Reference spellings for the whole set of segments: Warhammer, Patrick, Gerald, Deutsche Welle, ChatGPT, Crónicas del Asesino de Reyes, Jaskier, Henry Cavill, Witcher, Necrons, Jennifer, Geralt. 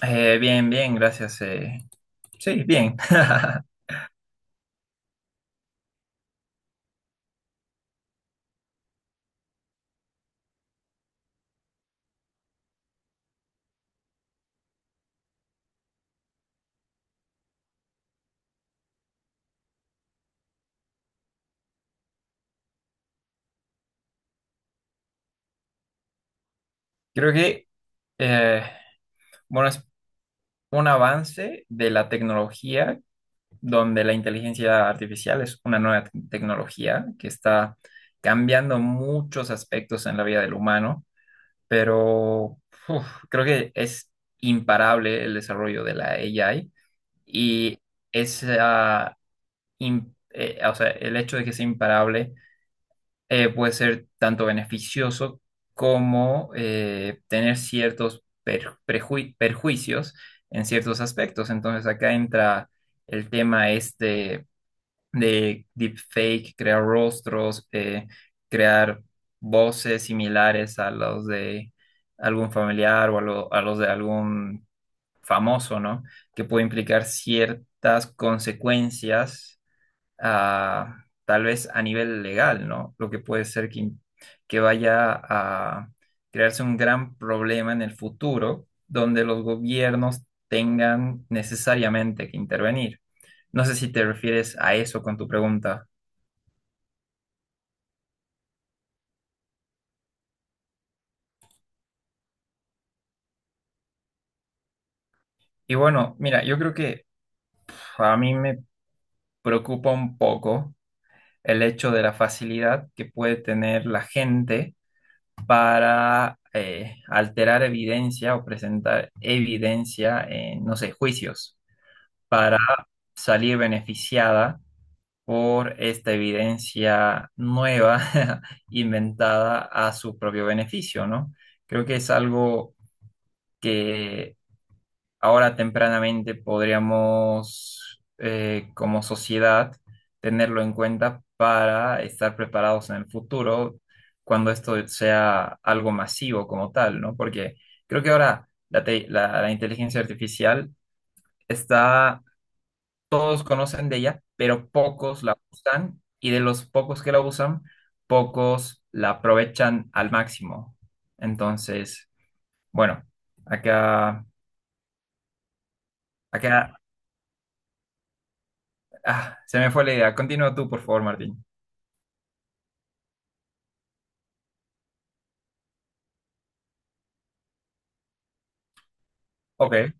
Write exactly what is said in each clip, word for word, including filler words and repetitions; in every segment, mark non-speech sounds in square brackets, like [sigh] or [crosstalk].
Eh, bien, bien, gracias. eh, Sí, bien. [laughs] Creo que, eh, bueno, es un avance de la tecnología donde la inteligencia artificial es una nueva te- tecnología que está cambiando muchos aspectos en la vida del humano, pero uf, creo que es imparable el desarrollo de la A I y esa, im- eh, o sea, el hecho de que sea imparable eh, puede ser tanto beneficioso como eh, tener ciertos per- prejui- perjuicios en ciertos aspectos. Entonces acá entra el tema este de deepfake, crear rostros, eh, crear voces similares a los de algún familiar o a, lo- a los de algún famoso, ¿no? Que puede implicar ciertas consecuencias ah, tal vez a nivel legal, ¿no? Lo que puede ser que, que vaya a crearse un gran problema en el futuro donde los gobiernos tengan necesariamente que intervenir. No sé si te refieres a eso con tu pregunta. Y bueno, mira, yo creo que pf, a mí me preocupa un poco el hecho de la facilidad que puede tener la gente para eh, alterar evidencia o presentar evidencia en, no sé, juicios. Para salir beneficiada por esta evidencia nueva [laughs] inventada a su propio beneficio, ¿no? Creo que es algo que ahora tempranamente podríamos, eh, como sociedad, tenerlo en cuenta para estar preparados en el futuro cuando esto sea algo masivo como tal, ¿no? Porque creo que ahora la, te- la la inteligencia artificial está, todos conocen de ella, pero pocos la usan y de los pocos que la usan, pocos la aprovechan al máximo. Entonces, bueno, acá, acá, ah, se me fue la idea. Continúa tú, por favor, Martín. Ok,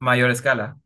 mayor escala.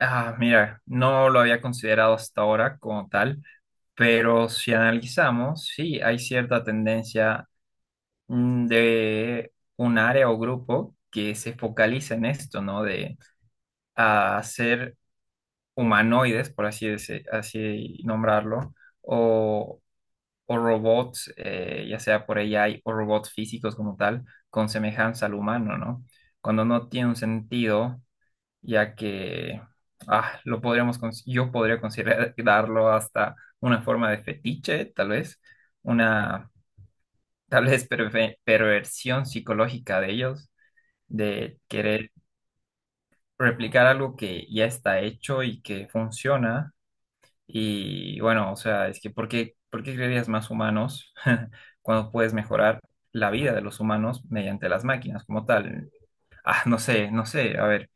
Ah, mira, no lo había considerado hasta ahora como tal, pero si analizamos, sí, hay cierta tendencia mm, de un área o grupo que se focaliza en esto, ¿no? De a hacer humanoides, por así, dese- así nombrarlo, o, o robots, eh, ya sea por A I o robots físicos como tal, con semejanza al humano, ¿no? Cuando no tiene un sentido, ya que ah, lo podríamos, cons- yo podría considerarlo hasta una forma de fetiche, tal vez, una tal vez perve- perversión psicológica de ellos, de querer replicar algo que ya está hecho y que funciona. Y bueno, o sea, es que ¿por qué, por qué crearías más humanos [laughs] cuando puedes mejorar la vida de los humanos mediante las máquinas como tal? Ah, no sé, no sé, a ver,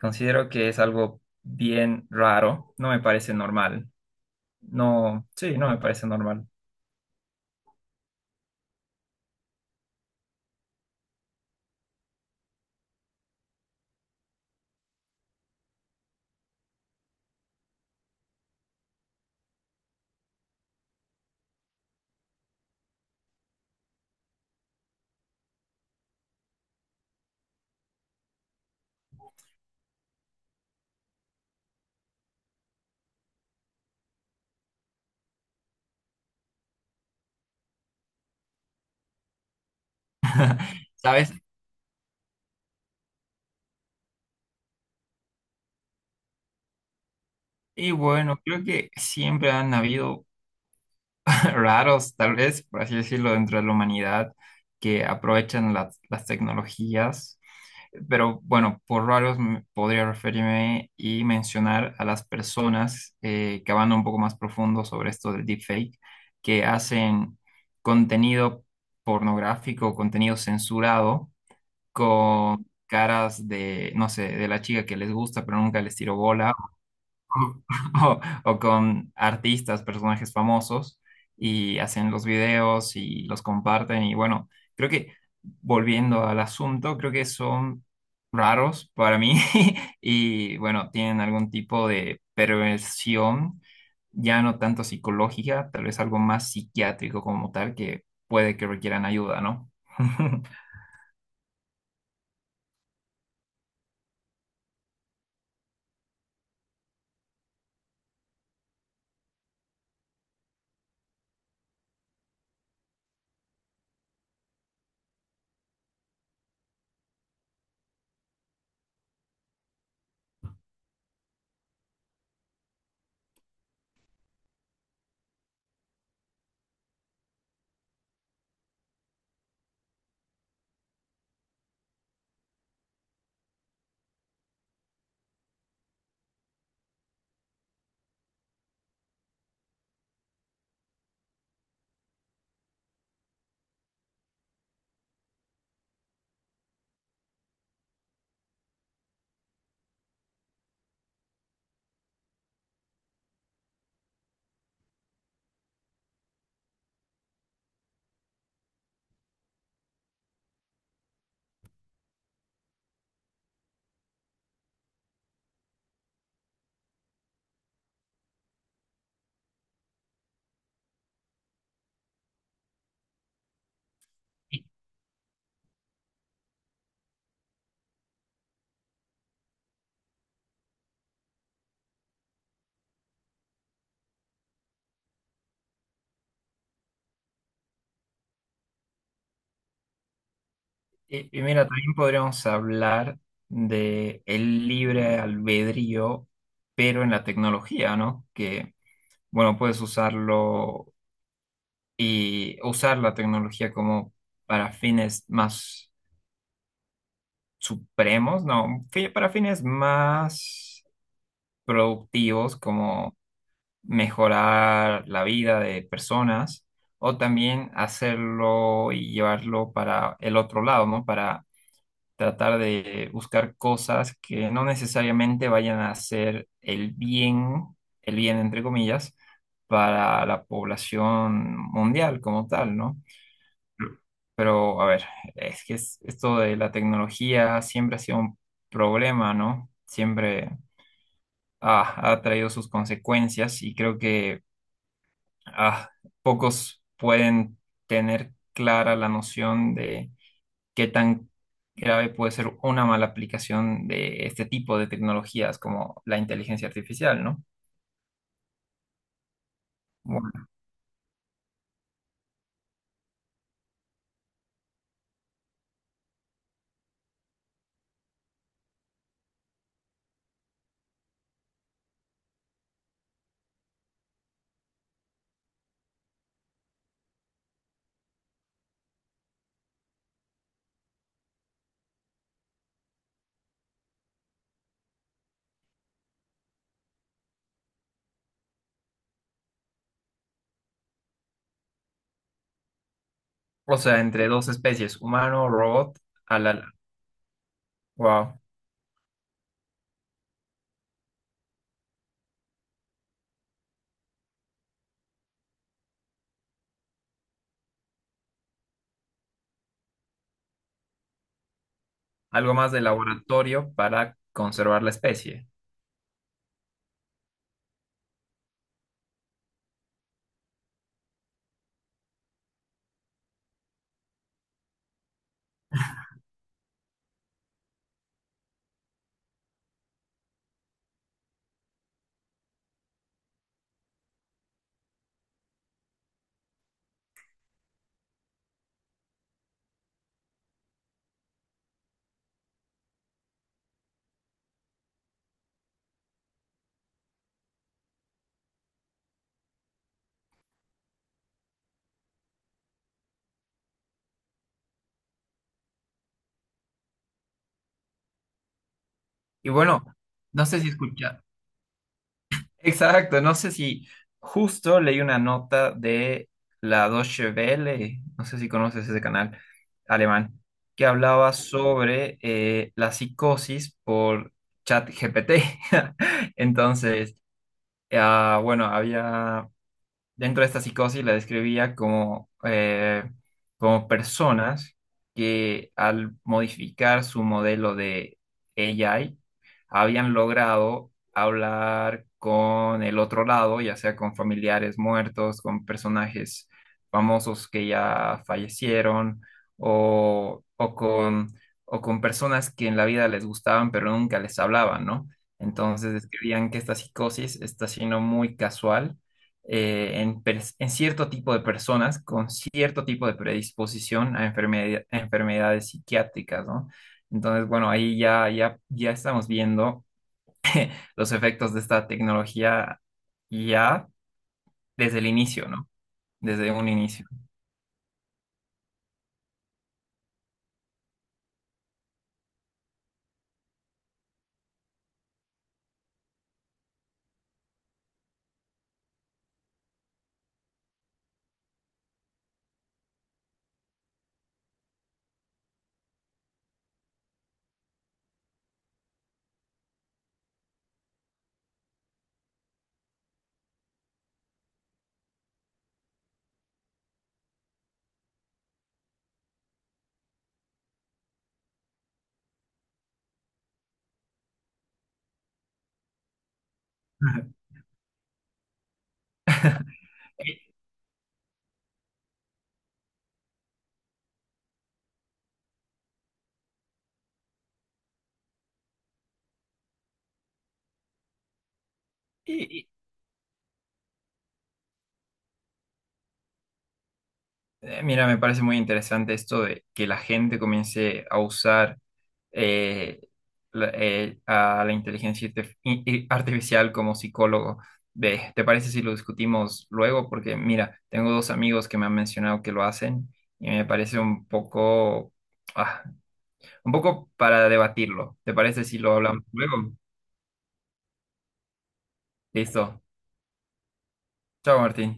considero que es algo bien raro, no me parece normal, no, sí, no me parece normal. ¿Sabes? Y bueno, creo que siempre han habido [laughs] raros, tal vez, por así decirlo, dentro de la humanidad, que aprovechan las, las tecnologías. Pero bueno, por raros me- podría referirme y mencionar a las personas eh, que van un poco más profundo sobre esto del deepfake, que hacen contenido pornográfico, contenido censurado, con caras de, no sé, de la chica que les gusta, pero nunca les tiró bola, o, [laughs] o o con artistas, personajes famosos, y hacen los videos y los comparten. Y bueno, creo que volviendo al asunto, creo que son raros para mí [laughs] y bueno, tienen algún tipo de perversión, ya no tanto psicológica, tal vez algo más psiquiátrico como tal, que puede que requieran ayuda, ¿no? [laughs] Y, y mira, también podríamos hablar de el libre albedrío, pero en la tecnología, ¿no? Que, bueno, puedes usarlo y usar la tecnología como para fines más supremos, ¿no? fi- Para fines más productivos, como mejorar la vida de personas, o también hacerlo y llevarlo para el otro lado, ¿no? Para tratar de buscar cosas que no necesariamente vayan a hacer el bien, el bien entre comillas, para la población mundial como tal, ¿no? Pero, a ver, es que es- esto de la tecnología siempre ha sido un problema, ¿no? Siempre ah, ha traído sus consecuencias y creo que ah, pocos pueden tener clara la noción de qué tan grave puede ser una mala aplicación de este tipo de tecnologías como la inteligencia artificial, ¿no? Bueno, o sea, entre dos especies, humano, robot, a la, wow, algo más de laboratorio para conservar la especie. Y bueno, no sé si escucha. Exacto, no sé si justo leí una nota de la Deutsche Welle, no sé si conoces ese canal alemán, que hablaba sobre eh, la psicosis por ChatGPT. [laughs] Entonces, ah, bueno, había dentro de esta psicosis, la describía como, eh, como personas que al modificar su modelo de A I habían logrado hablar con el otro lado, ya sea con familiares muertos, con personajes famosos que ya fallecieron o, o con, o con personas que en la vida les gustaban pero nunca les hablaban, ¿no? Entonces describían que esta psicosis está siendo muy casual eh, en, pers- en cierto tipo de personas con cierto tipo de predisposición a, enfermedad- a enfermedades psiquiátricas, ¿no? Entonces, bueno, ahí ya, ya, ya estamos viendo los efectos de esta tecnología ya desde el inicio, ¿no? Desde un inicio. [laughs] Y, Eh, mira, me parece muy interesante esto de que la gente comience a usar eh, la- eh, a la inteligencia artif- i- i- artificial como psicólogo. Ve, ¿te parece si lo discutimos luego? Porque mira, tengo dos amigos que me han mencionado que lo hacen y me parece un poco, ah, un poco para debatirlo. ¿Te parece si lo hablamos luego? Listo. Chao, Martín.